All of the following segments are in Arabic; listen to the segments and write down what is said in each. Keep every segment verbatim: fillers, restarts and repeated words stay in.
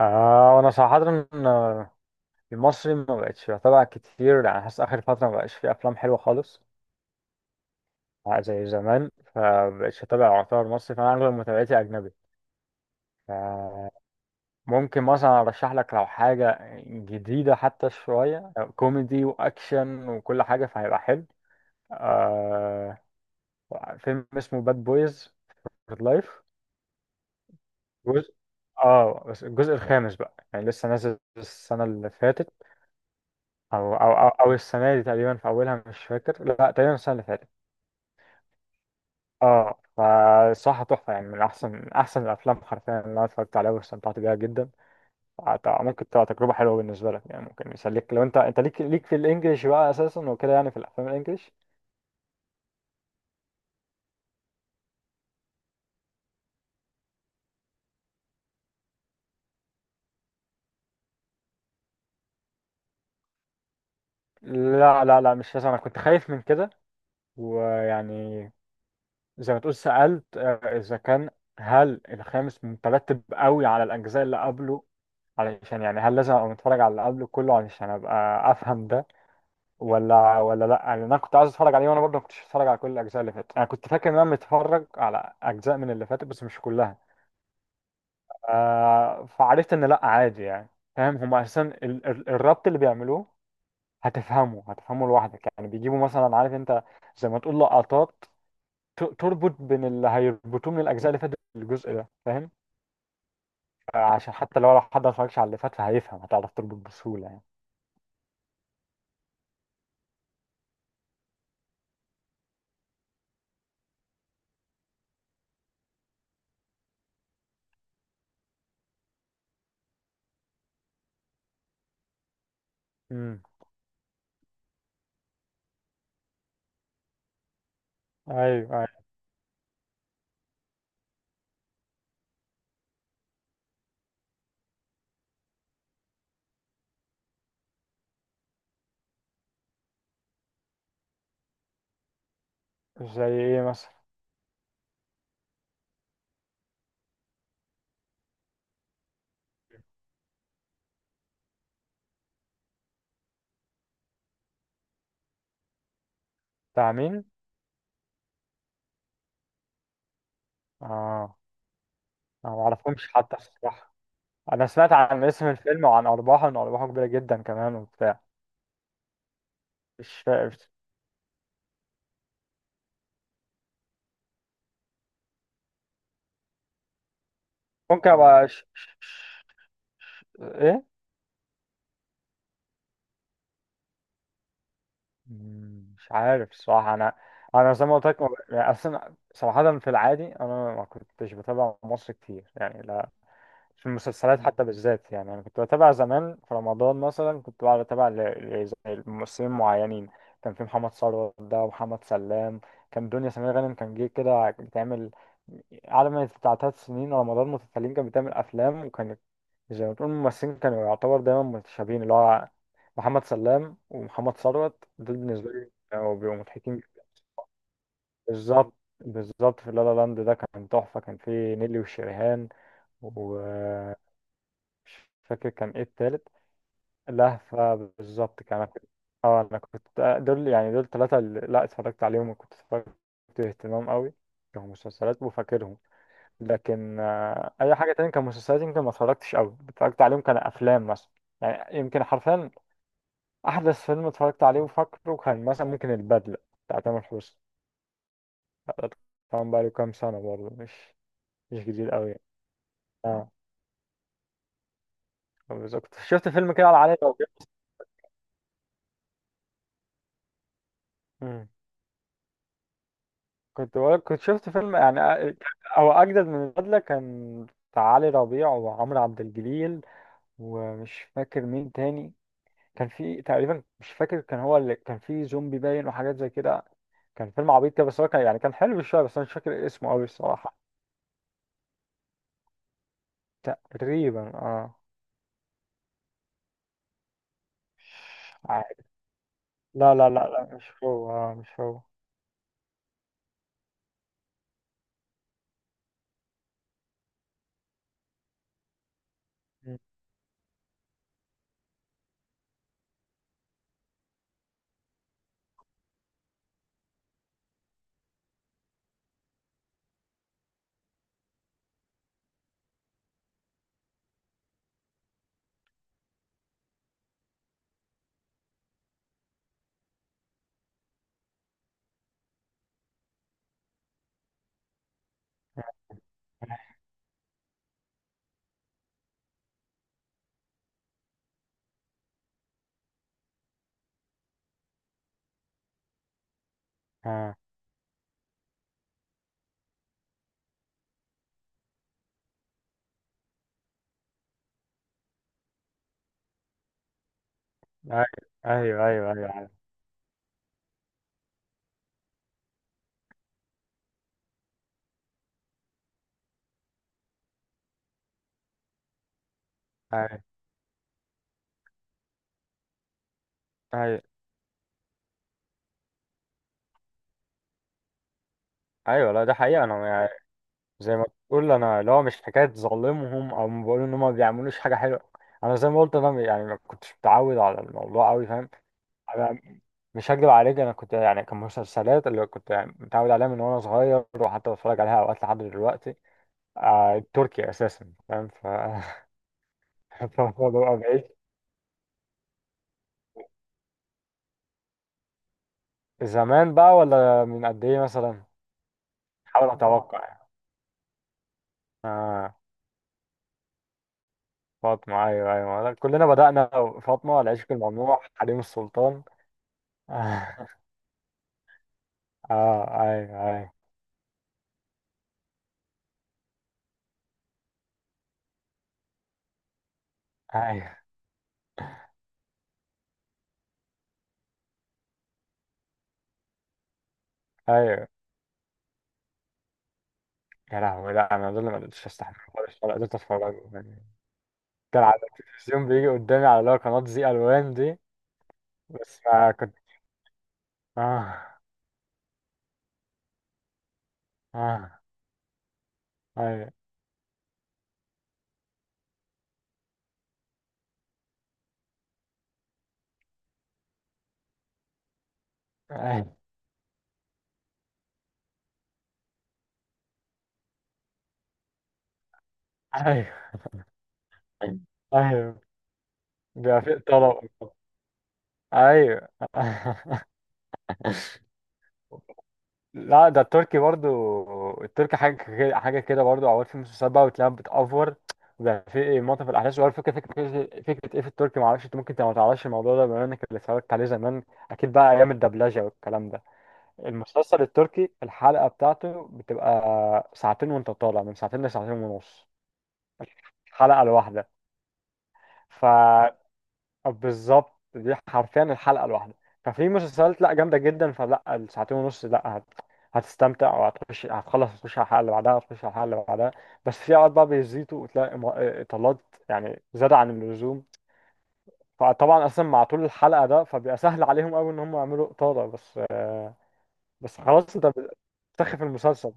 آه وانا صراحة. آه، المصري ما بقتش بتابع كتير، يعني حاسس اخر فترة ما بقاش فيه افلام حلوة خالص آه، زي زمان، فبقتش اتابع يعتبر مصري، فانا اغلب متابعتي اجنبي. فممكن مثلا ارشح لك لو حاجة جديدة، حتى شوية كوميدي واكشن وكل حاجة فهيبقى حلو. آه فيلم اسمه باد بويز فور لايف. جزء، اه بس الجزء الخامس بقى، يعني لسه نازل السنة اللي فاتت، او او او, أو السنه دي تقريبا في اولها، مش فاكر، لا تقريبا السنه اللي فاتت. اه فصراحه تحفه، يعني من احسن احسن الافلام حرفيا اللي انا اتفرجت عليها واستمتعت بيها جدا. فت- ممكن تبقى تجربه حلوه بالنسبه لك، يعني ممكن يسليك لو انت انت ليك ليك في الانجليش بقى اساسا وكده، يعني في الافلام الانجليش. لا لا لا مش لازم، انا كنت خايف من كده. ويعني زي ما تقول سالت، آه، اذا كان هل الخامس مترتب قوي على الاجزاء اللي قبله، علشان يعني هل لازم ابقى متفرج على اللي قبله كله علشان ابقى افهم ده؟ ولا ولا لا يعني انا كنت عايز اتفرج عليه وانا برضه ما كنتش اتفرج على كل الاجزاء اللي فاتت، انا كنت فاكر ان انا متفرج على اجزاء من اللي فاتت بس مش كلها. آه فعرفت ان لا عادي يعني. فاهم هم اساسا ال- ال- الربط اللي بيعملوه هتفهمه، هتفهمه لوحدك، يعني بيجيبوا مثلا، عارف انت، زي ما تقول لقطات ت- تربط بين اللي هيربطوه من الاجزاء اللي فاتت الجزء ده، فاهم؟ آه، عشان حتى لو حد ما اتفرجش على اللي فات فهيفهم، هتعرف تربط بسهوله يعني. امم. ايوه. ايوه زي ايه مثلا؟ بتاع مين؟ اه أنا ما أعرفهمش حتى الصراحة. أنا سمعت عن اسم الفيلم وعن أرباحه، إن أرباحه كبيرة جدا كمان وبتاع. مش فاهم. ممكن أبقى ش... إيه؟ مم، مش عارف الصراحة أنا. أنا زي ما قلت لك ما ب- يعني أصلا صراحة في العادي أنا ما كنتش بتابع مصر كتير يعني. في المسلسلات حتى بالذات يعني انا كنت بتابع زمان في رمضان مثلا، كنت بقعد اتابع ل- ل- زي ممثلين معينين. كان في محمد ثروت ده ومحمد سلام. كان دنيا سمير غانم كان جه كده بتعمل على ما بتاع تلات سنين رمضان متتاليين كانت بتعمل افلام، وكانت زي ما تقول الممثلين كانوا يعتبر دايما متشابهين، اللي هو محمد سلام ومحمد ثروت دول بالنسبه لي كانوا بيبقوا مضحكين. بالظبط. بالظبط في لا لا لاند ده كان تحفه، كان فيه نيلي وشريهان و مش فاكر كان ايه التالت. لهفة بالظبط. كان انا كنت، اه انا كنت، آه، دول يعني دول ثلاثة اللي لا اتفرجت عليهم وكنت اتفرجت باهتمام قوي كمسلسلات وفاكرهم. لكن آه، اي حاجة تانية كمسلسلات يمكن ما اتفرجتش قوي، اتفرجت عليهم كان افلام مثلا. يعني يمكن حرفيا احدث فيلم اتفرجت عليه وفاكره كان مثلا ممكن البدلة بتاع تامر حسني. طبعا بقى له كام سنة برضه، مش مش جديد قوي يعني. اه بالظبط. شفت فيلم كده على علي ربيع. كنت بقولك كنت شفت فيلم، يعني أ- او اجدد من البدله، كان بتاع علي ربيع وعمرو عبد الجليل، ومش فاكر مين تاني، كان في تقريبا، مش فاكر، كان هو اللي كان في زومبي باين وحاجات زي كده. كان فيلم عبيط كده بس هو كان يعني كان حلو شويه، بس انا مش فاكر اسمه قوي الصراحه. تقريبا اه. عادي. لا لا لا لا مش هو، آه مش هو. م. اه. ايوه ايوه ايوه ايوه ايوه, أيوة. أيوة. لا ده حقيقه. انا زي ما تقول انا اللي هو مش حكايه ظالمهم او ما بقول ان هم ما بيعملوش حاجه حلوه. انا زي ما قلت انا يعني ما كنتش متعود على الموضوع قوي، فاهم. انا مش هكدب عليك، انا كنت يعني كان مسلسلات اللي كنت يعني متعود عليها من وانا صغير، وحتى بتفرج عليها اوقات لحد دلوقتي. آه التركي اساسا، فاهم، ف فببقى بعيد. زمان بقى ولا من قد ايه مثلا؟ حاول اتوقع يعني. آه فاطمه، ايوه ايوه كلنا بدأنا. فاطمه، العشق الممنوع، حريم السلطان. اه. ايوه ايوه ايوه ايوه. يا لهوي، لا انا دول ما قدرتش استحمل خالص، ولا قدرت اتفرج يعني. كان على التلفزيون بيجي قدامي على اللي هو قناة زي الوان دي، بس ما كنت. اه. اه. ايوه ايوه ايوه ايوه. بيبقى في طلب. ايوه. لا ده التركي برضو، التركي حاجة كده، حاجة كده برضو. أوقات في مسلسلات بقى بتلاقيها بتأفور، وبيبقى في منطقة في الأحداث، وأول فكرة فكرة فكرة إيه في التركي، معرفش أنت ممكن أنت ما تعرفش الموضوع ده بما إنك اللي اتفرجت عليه زمان، أكيد بقى أيام الدبلجة والكلام ده. المسلسل التركي الحلقة بتاعته بتبقى ساعتين، وأنت طالع من ساعتين لساعتين ونص الحلقة الواحدة. بالظبط دي حرفيا الحلقه الواحده. ففي مسلسلات لا جامده جدا، فلا الساعتين ونص لا هت... هتستمتع وهتخش، هتخلص هتخش على الحلقه اللي بعدها، هتخش على الحلقه اللي بعدها بس في اوقات بقى بيزيدوا وتلاقي م- اطالات، يعني زاد عن اللزوم. فطبعا اصلا مع طول الحلقه ده، فبيبقى سهل عليهم قوي ان هم يعملوا اطاله، بس بس خلاص انت بتسخف المسلسل.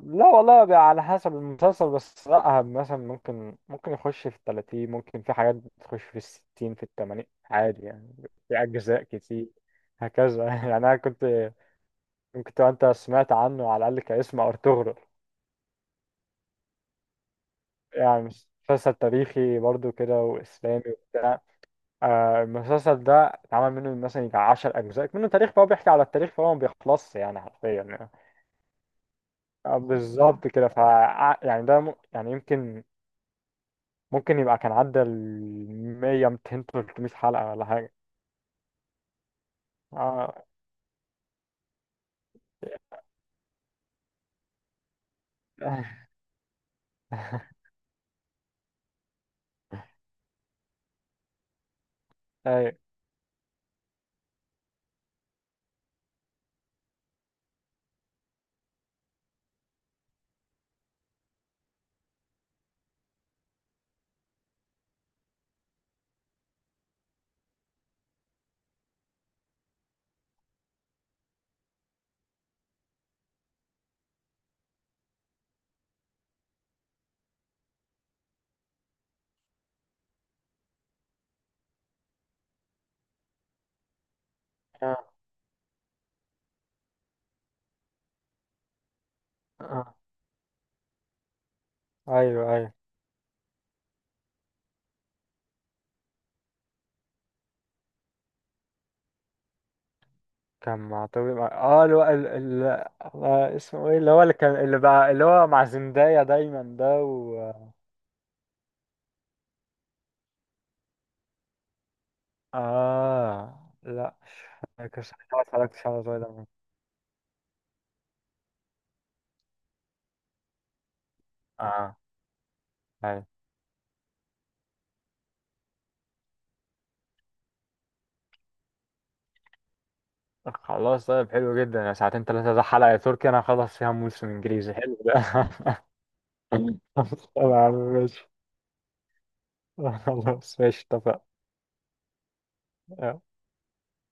لا والله بقى على حسب المسلسل، بس لا مثلا ممكن ممكن يخش في التلاتين، ممكن في حاجات بتخش في الستين، في التمانين عادي يعني، في أجزاء كتير هكذا. يعني أنا كنت. ممكن تبقى أنت سمعت عنه على الأقل كاسم، أرطغرل، يعني مسلسل تاريخي برضو كده وإسلامي وبتاع. آه، المسلسل ده اتعمل منه مثلا يجي عشرة أجزاء منه تاريخ، فهو بيحكي على التاريخ فهو ما بيخلصش يعني حرفيا يعني. آه، بالظبط كده ف، يعني ده م- يعني يمكن ممكن يبقى كان عدى ال مية مئتين ثلاثمية حلقة ولا حاجة. اه. ايوه. آه. آه. ايوه ايوه. كان مع طبيب، اه اللي هو ال- ال- آه، اسمه ايه اللي هو اللي كان اللي بقى اللي هو مع زندايا دايما ده و اه لا، كنتش اتفرجتش على سبايدر مان. اه. ايوه. خلاص طيب، حلو جدا، يا ساعتين ثلاثة ده حلقة تركي انا خلص فيها موسم انجليزي حلو ده. خلاص، طبعا ماشي. خلاص ماشي اتفقنا.